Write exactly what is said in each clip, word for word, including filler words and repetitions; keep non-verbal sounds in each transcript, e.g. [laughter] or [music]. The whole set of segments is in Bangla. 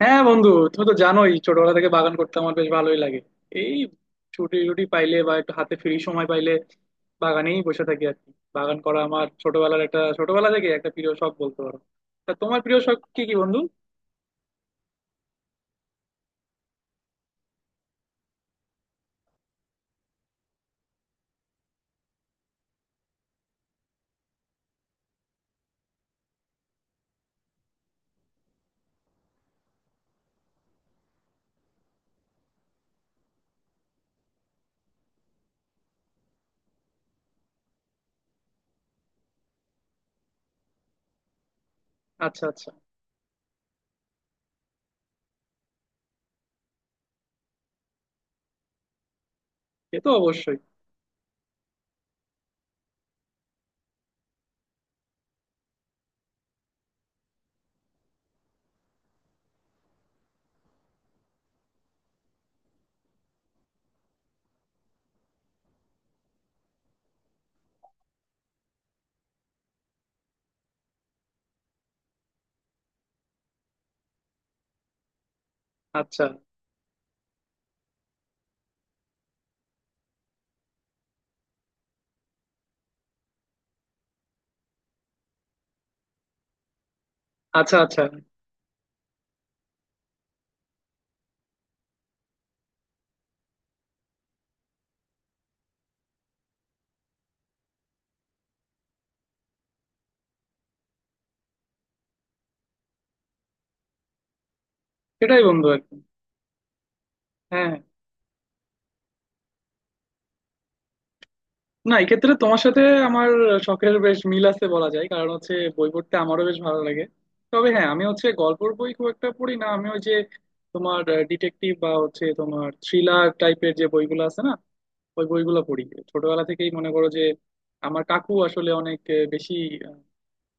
হ্যাঁ বন্ধু, তুমি তো জানোই ছোটবেলা থেকে বাগান করতে আমার বেশ ভালোই লাগে। এই ছুটি টুটি পাইলে বা একটু হাতে ফ্রি সময় পাইলে বাগানেই বসে থাকি আর কি। বাগান করা আমার ছোটবেলার একটা ছোটবেলা থেকে একটা প্রিয় শখ বলতে পারো। তা তোমার প্রিয় শখ কি কি বন্ধু? আচ্ছা আচ্ছা। সে তো অবশ্যই। আচ্ছা আচ্ছা। আচ্ছা। সেটাই বন্ধু আর কি। হ্যাঁ। না, এক্ষেত্রে তোমার সাথে আমার শখের বেশ মিল আছে বলা যায়, কারণ হচ্ছে বই পড়তে আমারও বেশ ভালো লাগে। তবে হ্যাঁ, আমি হচ্ছে গল্পের বই খুব একটা পড়ি না, আমি ওই যে তোমার ডিটেকটিভ বা হচ্ছে তোমার থ্রিলার টাইপের যে বইগুলো আছে না, ওই বইগুলো পড়ি। ছোটবেলা থেকেই মনে করো যে আমার কাকু আসলে অনেক আহ, বেশি আহ,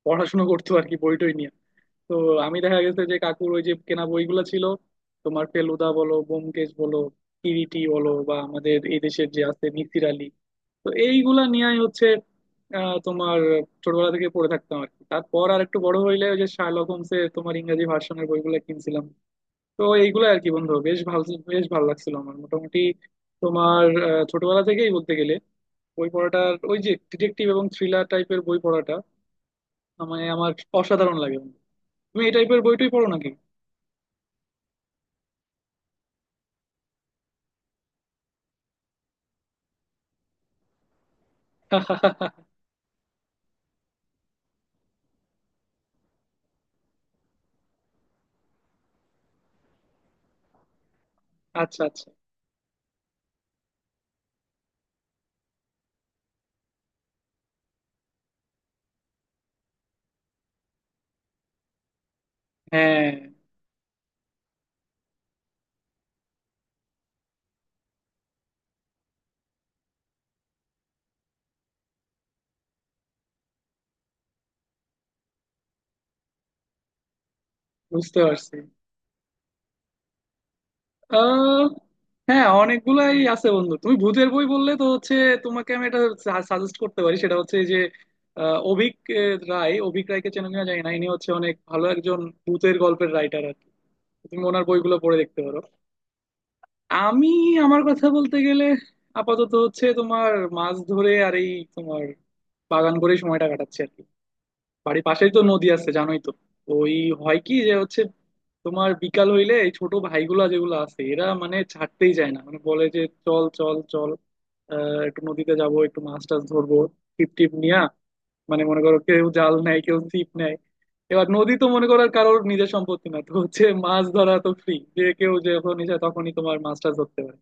পড়াশোনা করতো আর কি, বই টই নিয়ে। তো আমি দেখা গেছে যে কাকুর ওই যে কেনা বইগুলো ছিল, তোমার ফেলুদা বলো, ব্যোমকেশ বলো, কিরিটি বলো, বা আমাদের এই দেশের যে আছে মিসির আলী, তো এইগুলা নিয়েই হচ্ছে আহ, তোমার ছোটবেলা থেকে পড়ে থাকতাম আর কি। তারপর আর একটু বড় হইলে ওই যে শার্লক হোমসের তোমার ইংরেজি ভার্সনের বইগুলো কিনছিলাম। তো এইগুলো আর কি বন্ধু, বেশ ভালো, বেশ ভালো লাগছিল আমার। মোটামুটি তোমার আহ, ছোটবেলা থেকেই বলতে গেলে বই পড়াটার ওই যে ডিটেকটিভ এবং থ্রিলার টাইপের বই পড়াটা মানে আমার অসাধারণ লাগে বন্ধু। তুমি এই টাইপের বইটই পড়ো নাকি? আচ্ছা আচ্ছা। হ্যাঁ, বুঝতে পারছি। আহ, হ্যাঁ অনেকগুলাই আছে বন্ধু। তুমি ভূতের বই বললে তো হচ্ছে তোমাকে আমি এটা সাজেস্ট করতে পারি, সেটা হচ্ছে যে আহ, অভীক আহ, রায় অভীক রায়কে চেনো কিনা জানি না, ইনি হচ্ছে অনেক ভালো একজন ভূতের গল্পের রাইটার আর কি। তুমি ওনার বইগুলো পড়ে দেখতে পারো। আমি, আমার কথা বলতে গেলে আপাতত হচ্ছে তোমার মাছ ধরে আর এই তোমার বাগান করে সময়টা কাটাচ্ছি আর কি। বাড়ির পাশেই তো নদী আছে, জানোই তো। ওই হয় কি যে হচ্ছে তোমার বিকাল হইলে এই ছোট ভাইগুলা যেগুলো আছে এরা মানে ছাড়তেই চায় না, মানে বলে যে চল চল চল, আহ, একটু নদীতে যাব, একটু মাছ টাছ ধরবো, টিপ টিপ নিয়া। মানে মনে করো কেউ জাল নেয়, কেউ ছিপ নেয়। এবার নদী তো মনে করো আর কারোর নিজের সম্পত্তি না, তো হচ্ছে মাছ ধরা তো ফ্রি, যে কেউ যখন ইচ্ছা তখনই তোমার মাছ টাছ ধরতে পারে।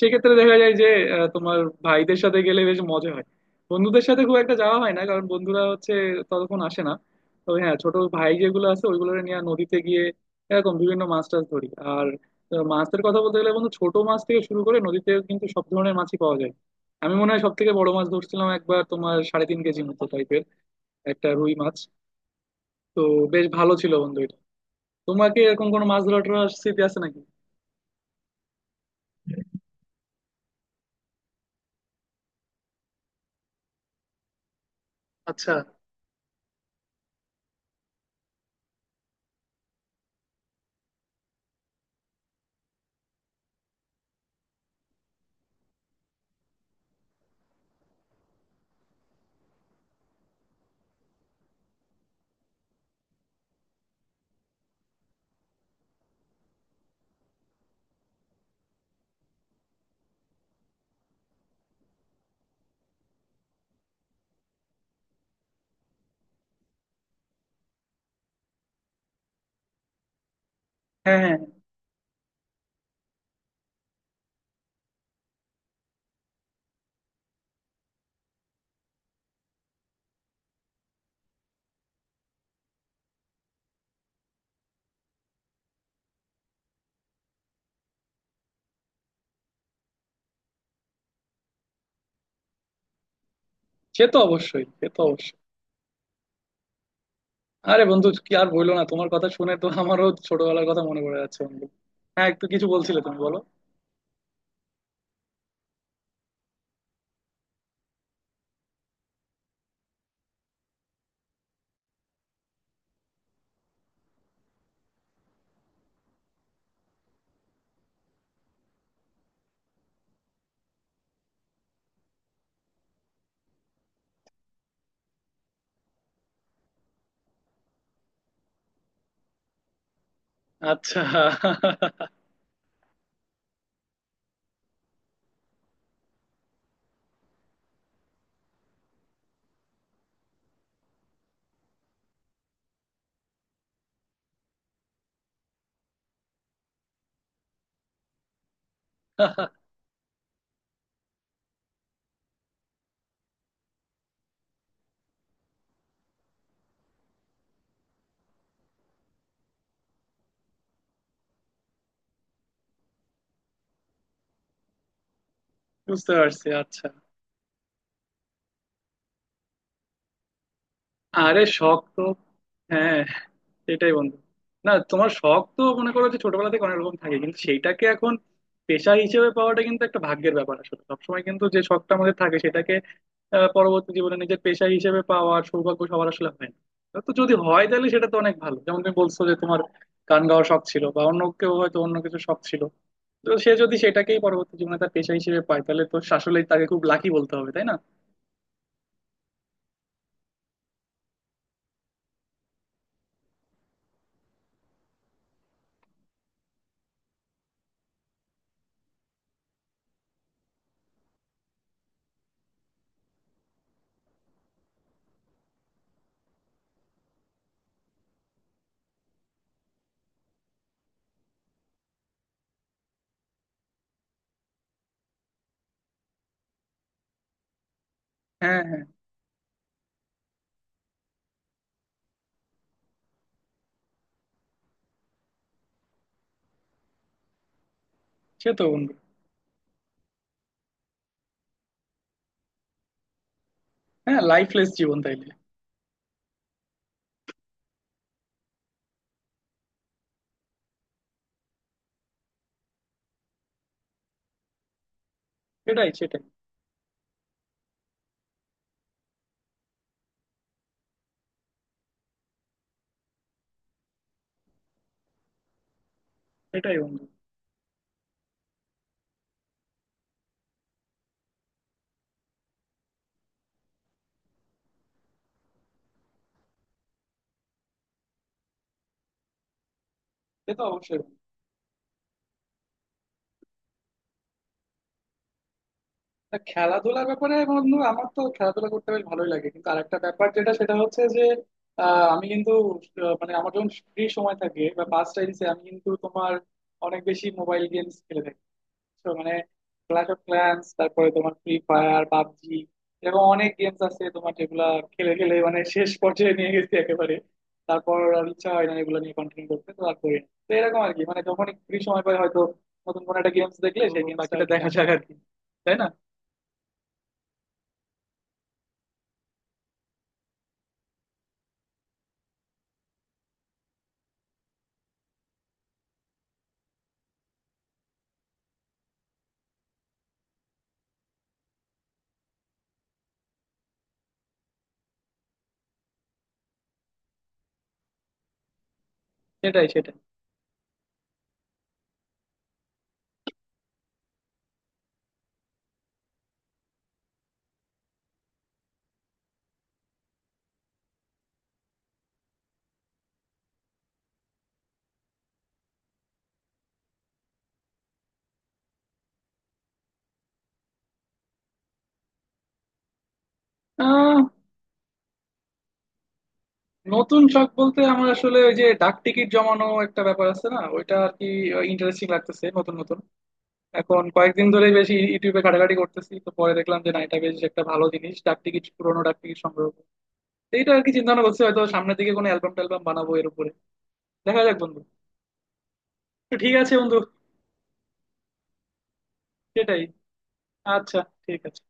সেক্ষেত্রে দেখা যায় যে আহ, তোমার ভাইদের সাথে গেলে বেশ মজা হয়। বন্ধুদের সাথে খুব একটা যাওয়া হয় না, কারণ বন্ধুরা হচ্ছে ততক্ষণ আসে না। তবে হ্যাঁ, ছোট ভাই যেগুলো আছে ওইগুলো নিয়ে নদীতে গিয়ে এরকম বিভিন্ন মাছ টাছ ধরি। আর আহ, মাছের কথা বলতে গেলে বন্ধু, ছোট মাছ থেকে শুরু করে নদীতে কিন্তু সব ধরনের মাছই পাওয়া যায়। আমি মনে হয় সব থেকে বড় মাছ ধরছিলাম একবার, তোমার সাড়ে তিন কেজি মতো টাইপের একটা রুই মাছ। তো বেশ ভালো ছিল বন্ধু এটা। তোমাকে এরকম কোনো মাছ ধরার স্মৃতি আছে নাকি? আচ্ছা। হ্যাঁ হ্যাঁ। সে তো অবশ্যই, সে তো অবশ্যই। আরে বন্ধু কি আর বললো, না তোমার কথা শুনে তো আমারও ছোটবেলার কথা মনে পড়ে যাচ্ছে বন্ধু। হ্যাঁ একটু কিছু বলছিলে, তুমি বলো। আচ্ছা। [laughs] বুঝতে পারছি। আচ্ছা। আরে শখ তো। হ্যাঁ সেটাই বন্ধু। না, তোমার শখ তো মনে করো যে ছোটবেলা থেকে অনেক রকম থাকে, কিন্তু সেইটাকে এখন পেশা হিসেবে পাওয়াটা কিন্তু একটা ভাগ্যের ব্যাপার। আসলে সবসময় কিন্তু যে শখটা আমাদের থাকে সেটাকে আহ, পরবর্তী জীবনে নিজের পেশা হিসেবে পাওয়ার সৌভাগ্য সবার আসলে হয় না। তো যদি হয় তাহলে সেটা তো অনেক ভালো, যেমন তুমি বলছো যে তোমার গান গাওয়ার শখ ছিল, বা অন্য কেউ হয়তো অন্য কিছু শখ ছিল। তো সে যদি সেটাকেই পরবর্তী জীবনে তার পেশা হিসেবে পায়, তাহলে তো আসলেই তাকে খুব লাকি বলতে হবে, তাই না? হ্যাঁ হ্যাঁ। সে তো বন্ধু। হ্যাঁ, লাইফলেস জীবন তাইলে। সেটাই সেটাই। সেটাই বন্ধু। সে তো অবশ্যই। না, খেলাধুলার ব্যাপারে বন্ধু আমার তো খেলাধুলা করতে বেশ ভালোই লাগে, কিন্তু আরেকটা ব্যাপার যেটা, সেটা হচ্ছে যে আহ, আমি কিন্তু আহ, মানে আমার যখন ফ্রি সময় থাকে বা পাস টাইমসে আমি কিন্তু তোমার অনেক বেশি মোবাইল গেমস খেলে থাকি। তো মানে ক্ল্যাশ অফ ক্ল্যান্স, তারপরে তোমার ফ্রি ফায়ার, পাবজি, এরকম অনেক গেমস আছে তোমার, যেগুলা খেলে খেলে মানে শেষ পর্যায়ে নিয়ে গেছি একেবারে। তারপর আর ইচ্ছা হয় না এগুলো নিয়ে কন্টিনিউ করতে, তো আর করি না। তো এরকম আর কি, মানে যখন ফ্রি সময় পাই হয়তো নতুন কোনো একটা গেমস দেখলে, ও সেই আচ্ছা গেমসটা, আচ্ছা দেখা যাক আর কি। তাই না? সেটাই সেটাই। আহ নতুন শখ বলতে আমার আসলে ওই যে ডাক টিকিট জমানো একটা ব্যাপার আছে না, ওইটা আর কি। ইন্টারেস্টিং লাগতেছে নতুন নতুন। এখন কয়েকদিন ধরেই বেশি ইউটিউবে ঘাটাঘাটি করতেছি, তো পরে দেখলাম যে না, এটা বেশ একটা ভালো জিনিস, ডাক টিকিট, পুরোনো ডাক টিকিট সংগ্রহ করা। তো এইটা আর কি চিন্তা ভাবনা করছি, হয়তো সামনের দিকে কোনো অ্যালবাম ট্যালবাম বানাবো এর উপরে। দেখা যাক বন্ধু। তো ঠিক আছে বন্ধু। সেটাই। আচ্ছা। ঠিক আছে।